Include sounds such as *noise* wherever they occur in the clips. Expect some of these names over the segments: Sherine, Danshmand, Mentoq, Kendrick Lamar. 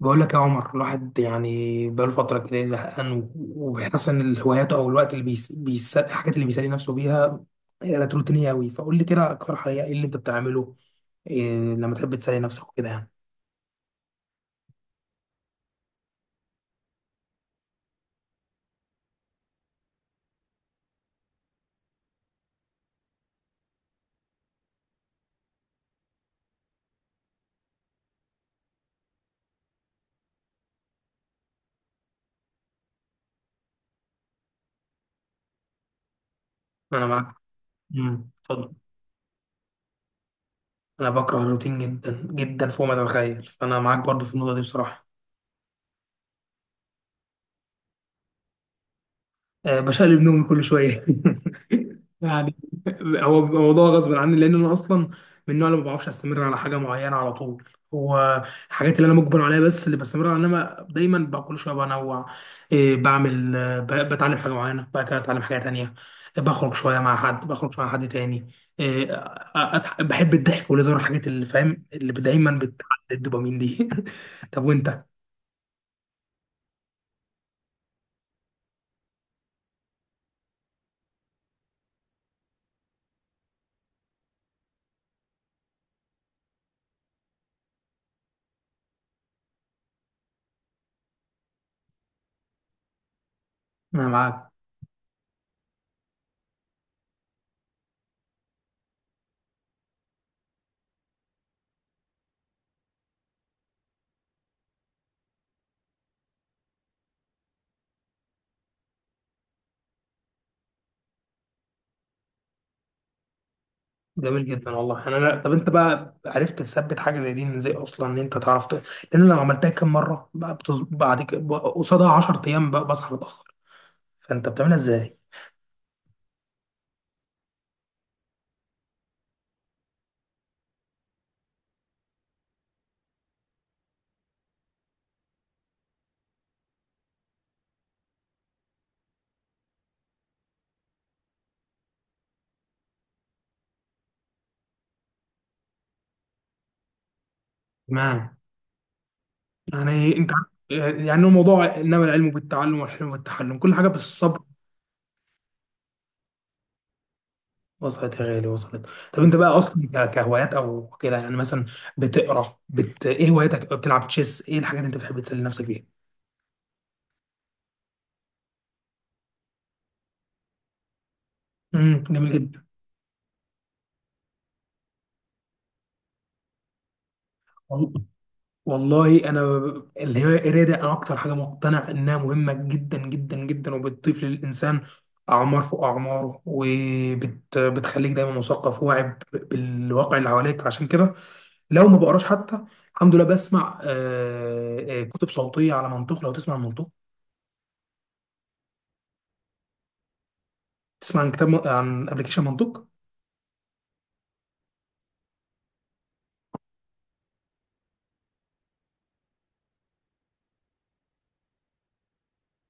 بقول لك يا عمر، الواحد يعني بقاله فترة كده زهقان وبيحس ان هواياته او الوقت اللي الحاجات اللي بيسلي نفسه بيها كانت روتينية قوي. فقول لي كده اقترح عليا ايه اللي انت بتعمله، إيه لما تحب تسلي نفسك وكده يعني. انا معاك. اتفضل. انا بكره الروتين جدا جدا فوق ما تتخيل، فانا معاك برضو في النقطة دي بصراحة. بشقلب نومي كل شويه *laughs* يعني. هو بيبقى موضوع غصب عني لان انا اصلا من النوع اللي ما بعرفش استمر على حاجه معينه على طول. هو الحاجات اللي انا مجبر عليها، بس اللي بستمر عليها، انما دايما بقى كل شويه بنوع. إيه، بعمل بتعلم حاجه معينه، بعد كده اتعلم حاجه تانية، بخرج شويه مع حد، بخرج شويه مع حد تاني. إيه، بحب الضحك والهزار، الحاجات اللي فاهم اللي دايما بتعلي الدوبامين دي *laughs* طب وانت؟ انا معاك. جميل جدا والله. طب انت بقى عرفت تثبت حاجه زي دي إن ازاي اصلا ان انت لان لو عملتها كام مره بقى بعد كده قصادها 10 ايام بقى بصحى متاخر. فانت بتعملها ازاي؟ تمام. يعني انت عارف- يعني الموضوع، انما العلم بالتعلم والحلم بالتحلم، كل حاجه بالصبر. وصلت يا غالي، وصلت. طب انت بقى اصلا كهوايات او كده، يعني مثلا بتقرا ايه هواياتك؟ بتلعب تشيس؟ ايه الحاجات اللي انت بتحب تسلي نفسك بيها؟ جميل. جدا والله. انا اللي هي القرايه دي، انا اكتر حاجه مقتنع انها مهمه جدا جدا جدا، وبتضيف للانسان اعمار فوق اعماره، وبتخليك دايما مثقف واعي بالواقع اللي حواليك. عشان كده لو ما بقراش، حتى الحمد لله بسمع كتب صوتيه على منطوق. لو تسمع عن منطوق، تسمع عن كتاب عن ابلكيشن منطوق.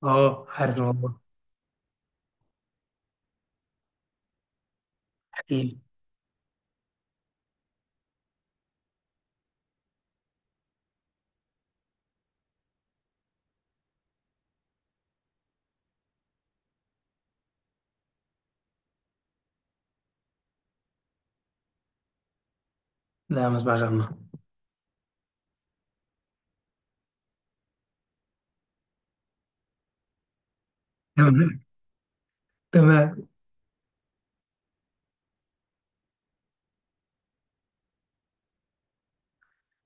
اه، عارف الموضوع. احكي لي. لا، ما اسمعش عنه. *laughs* تمام. تمام.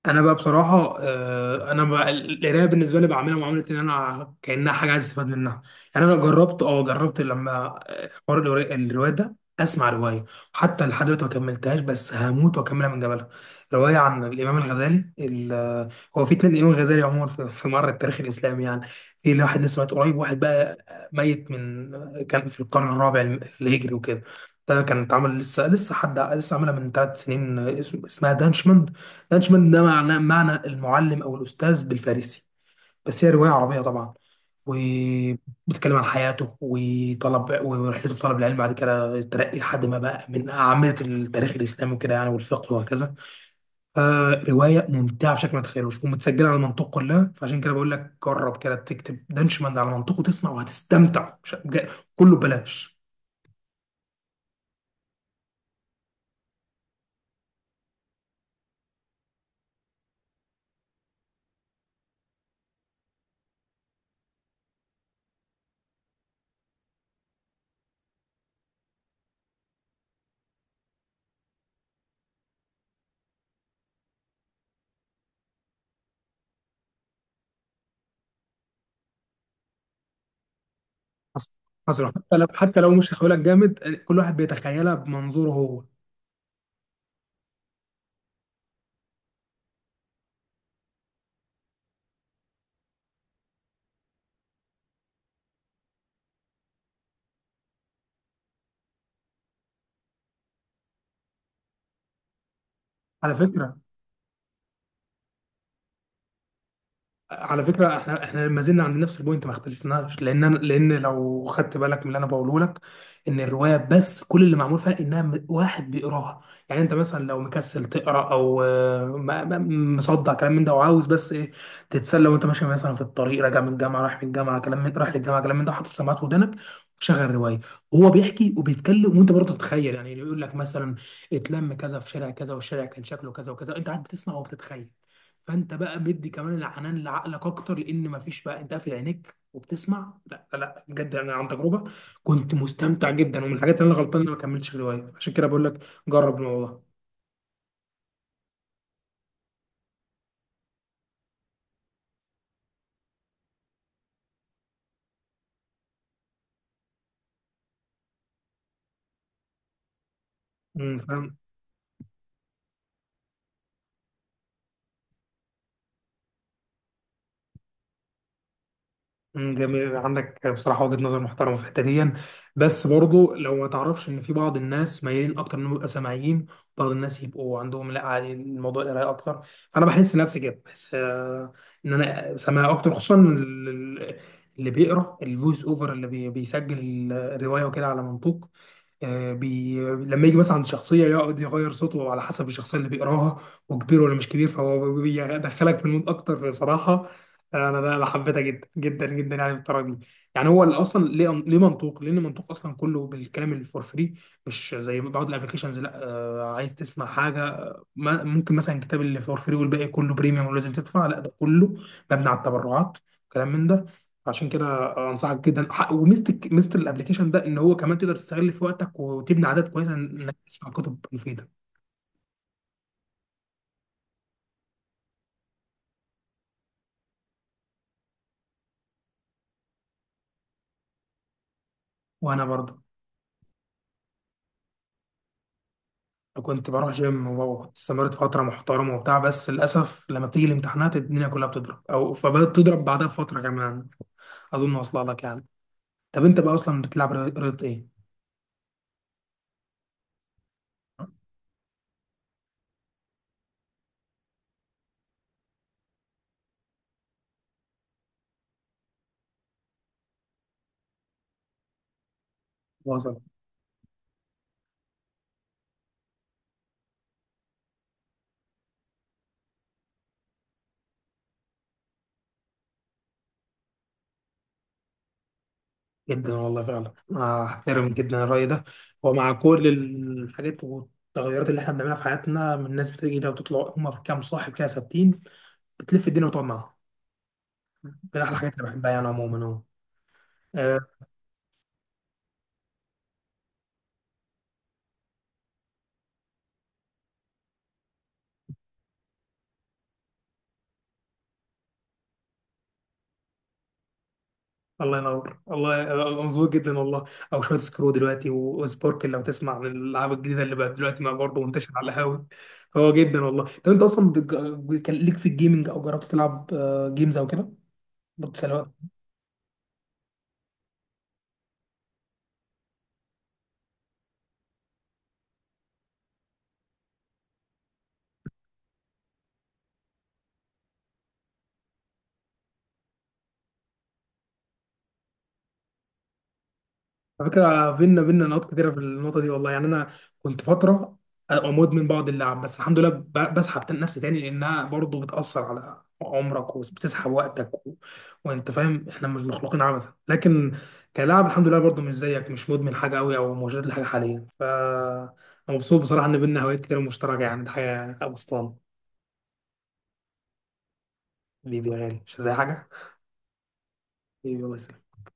انا بقى بصراحه، انا بقى القرايه بالنسبه لي بعملها معامله ان انا كانها حاجه عايز استفاد منها. يعني انا جربت لما حوار الروايه، الرواية ده، اسمع روايه حتى لحد دلوقتي ما كملتهاش، بس هموت واكملها من جبلها. روايه عن الامام الغزالي هو في 2 امام غزالي عموما في مر التاريخ الاسلامي يعني. في واحد لسه مات قريب، واحد بقى ميت من كان في القرن الرابع الهجري وكده. ده كان اتعمل لسه، لسه حد لسه عاملها من 3 سنين. اسمها دانشمان. لانشمان ده معنى معنى المعلم او الاستاذ بالفارسي، بس هي روايه عربيه طبعا، وبتتكلم عن حياته وطلب ورحلته في طلب العلم، بعد كده الترقي لحد ما بقى من اعمده التاريخ الاسلامي وكده يعني، والفقه وهكذا. فروايه ممتعه بشكل ما تتخيلوش، ومتسجله على المنطق كلها، فعشان كده بقول لك جرب كده تكتب دانشمان على منطقه تسمع وهتستمتع، مش كله ببلاش. حصل. حصل. حتى لو، حتى لو، مش هقول لك جامد، كل واحد بيتخيلها بمنظوره هو. على فكره، على فكرة احنا ما زلنا عند نفس البوينت، ما اختلفناش. لان لو خدت بالك من اللي انا بقوله لك ان الرواية، بس كل اللي معمول فيها انها واحد بيقراها. يعني انت مثلا لو مكسل تقرا او مصدع كلام من ده، وعاوز بس ايه، تتسلى وانت ماشي مثلا في الطريق راجع من الجامعة، رايح من الجامعة، كلام من رايح للجامعة، كلام من ده، حاطط سماعات في ودنك وتشغل رواية، وهو بيحكي وبيتكلم وانت برضه تتخيل. يعني يقول لك مثلا اتلم كذا في شارع كذا، والشارع كان شكله كذا وكذا، انت قاعد بتسمع وبتتخيل، فانت بقى مدي كمان العنان لعقلك اكتر، لان مفيش بقى انت قافل عينيك وبتسمع. لا لا لا، بجد انا عن تجربه كنت مستمتع جدا، ومن الحاجات اللي انا غلطان إن انا ما كملتش الروايه، عشان كده بقول لك جرب الموضوع. فاهم. جميل عندك بصراحة وجهة نظر محترمة في الحتة دي، بس برضو لو ما تعرفش ان في بعض الناس مايلين اكتر انهم يبقوا سامعين، بعض الناس يبقوا عندهم لا عادي الموضوع القراية اكتر، فانا بحس نفسي كده بحس ان انا سامع اكتر، خصوصا اللي بيقرا الفويس اوفر، اللي بيسجل الرواية وكده على منطوق. لما يجي مثلا عند شخصية يقعد يغير صوته على حسب الشخصية اللي بيقراها وكبير ولا مش كبير، فهو بيدخلك في المود أكتر بصراحة. انا حبيتها جدا جدا جدا يعني بالطريقه دي. يعني هو اللي اصلا ليه منطوق، لان منطوق اصلا كله بالكلام اللي فور فري، مش زي بعض الابلكيشنز. لا، آه، عايز تسمع حاجه، ما ممكن مثلا كتاب اللي فور فري والباقي كله بريميوم ولازم تدفع. لا، ده كله مبني على التبرعات، كلام من ده. عشان كده انصحك جدا. وميزه ميزه الابلكيشن ده ان هو كمان تقدر تستغل في وقتك وتبني عادات كويسه انك تسمع كتب مفيده. وانا برضه كنت بروح جيم، واستمرت فترة محترمة وبتاع، بس للأسف لما بتيجي الامتحانات الدنيا كلها بتضرب، أو فبدأت تضرب بعدها بفترة كمان. أظن واصلة لك يعني. طب أنت بقى أصلا بتلعب رياضة، رياضة إيه؟ واصل. جدا والله فعلا، أحترم جدا الرأي ده. ومع كل الحاجات والتغيرات اللي إحنا بنعملها في حياتنا من الناس بتيجي ده وتطلع، هم في كام صاحب كده ثابتين، بتلف الدنيا وتقعد معاهم، من أحلى الحاجات اللي بحبها يعني عموما أهو. آه، الله ينور والله، أنا مظبوط جدا والله. او شويه سكرو دلوقتي وسبوركل، لو تسمع عن الالعاب الجديده اللي بقت دلوقتي ما برضه منتشر على القهاوي. فهو جدا والله. طب انت اصلا كان ليك في الجيمنج او جربت تلعب جيمز او كده؟ على فكرة بينا بينا نقاط كتيرة في النقطة دي والله، يعني أنا كنت فترة أبقى مدمن بعض اللعب، بس الحمد لله بسحب نفسي تاني، لأنها برضه بتأثر على عمرك وبتسحب وقتك وأنت فاهم، إحنا مش مخلوقين عبثا. لكن كلاعب الحمد لله برضه مش زيك، مش مدمن حاجة أوي أو مشدود لحاجة حاليا، ف أنا مبسوط بصراحة إن بينا هوايات كتير مشتركة، يعني دي حاجة أبسطان. حبيبي يا غالي مش زي حاجة. حبيبي الله يسلمك.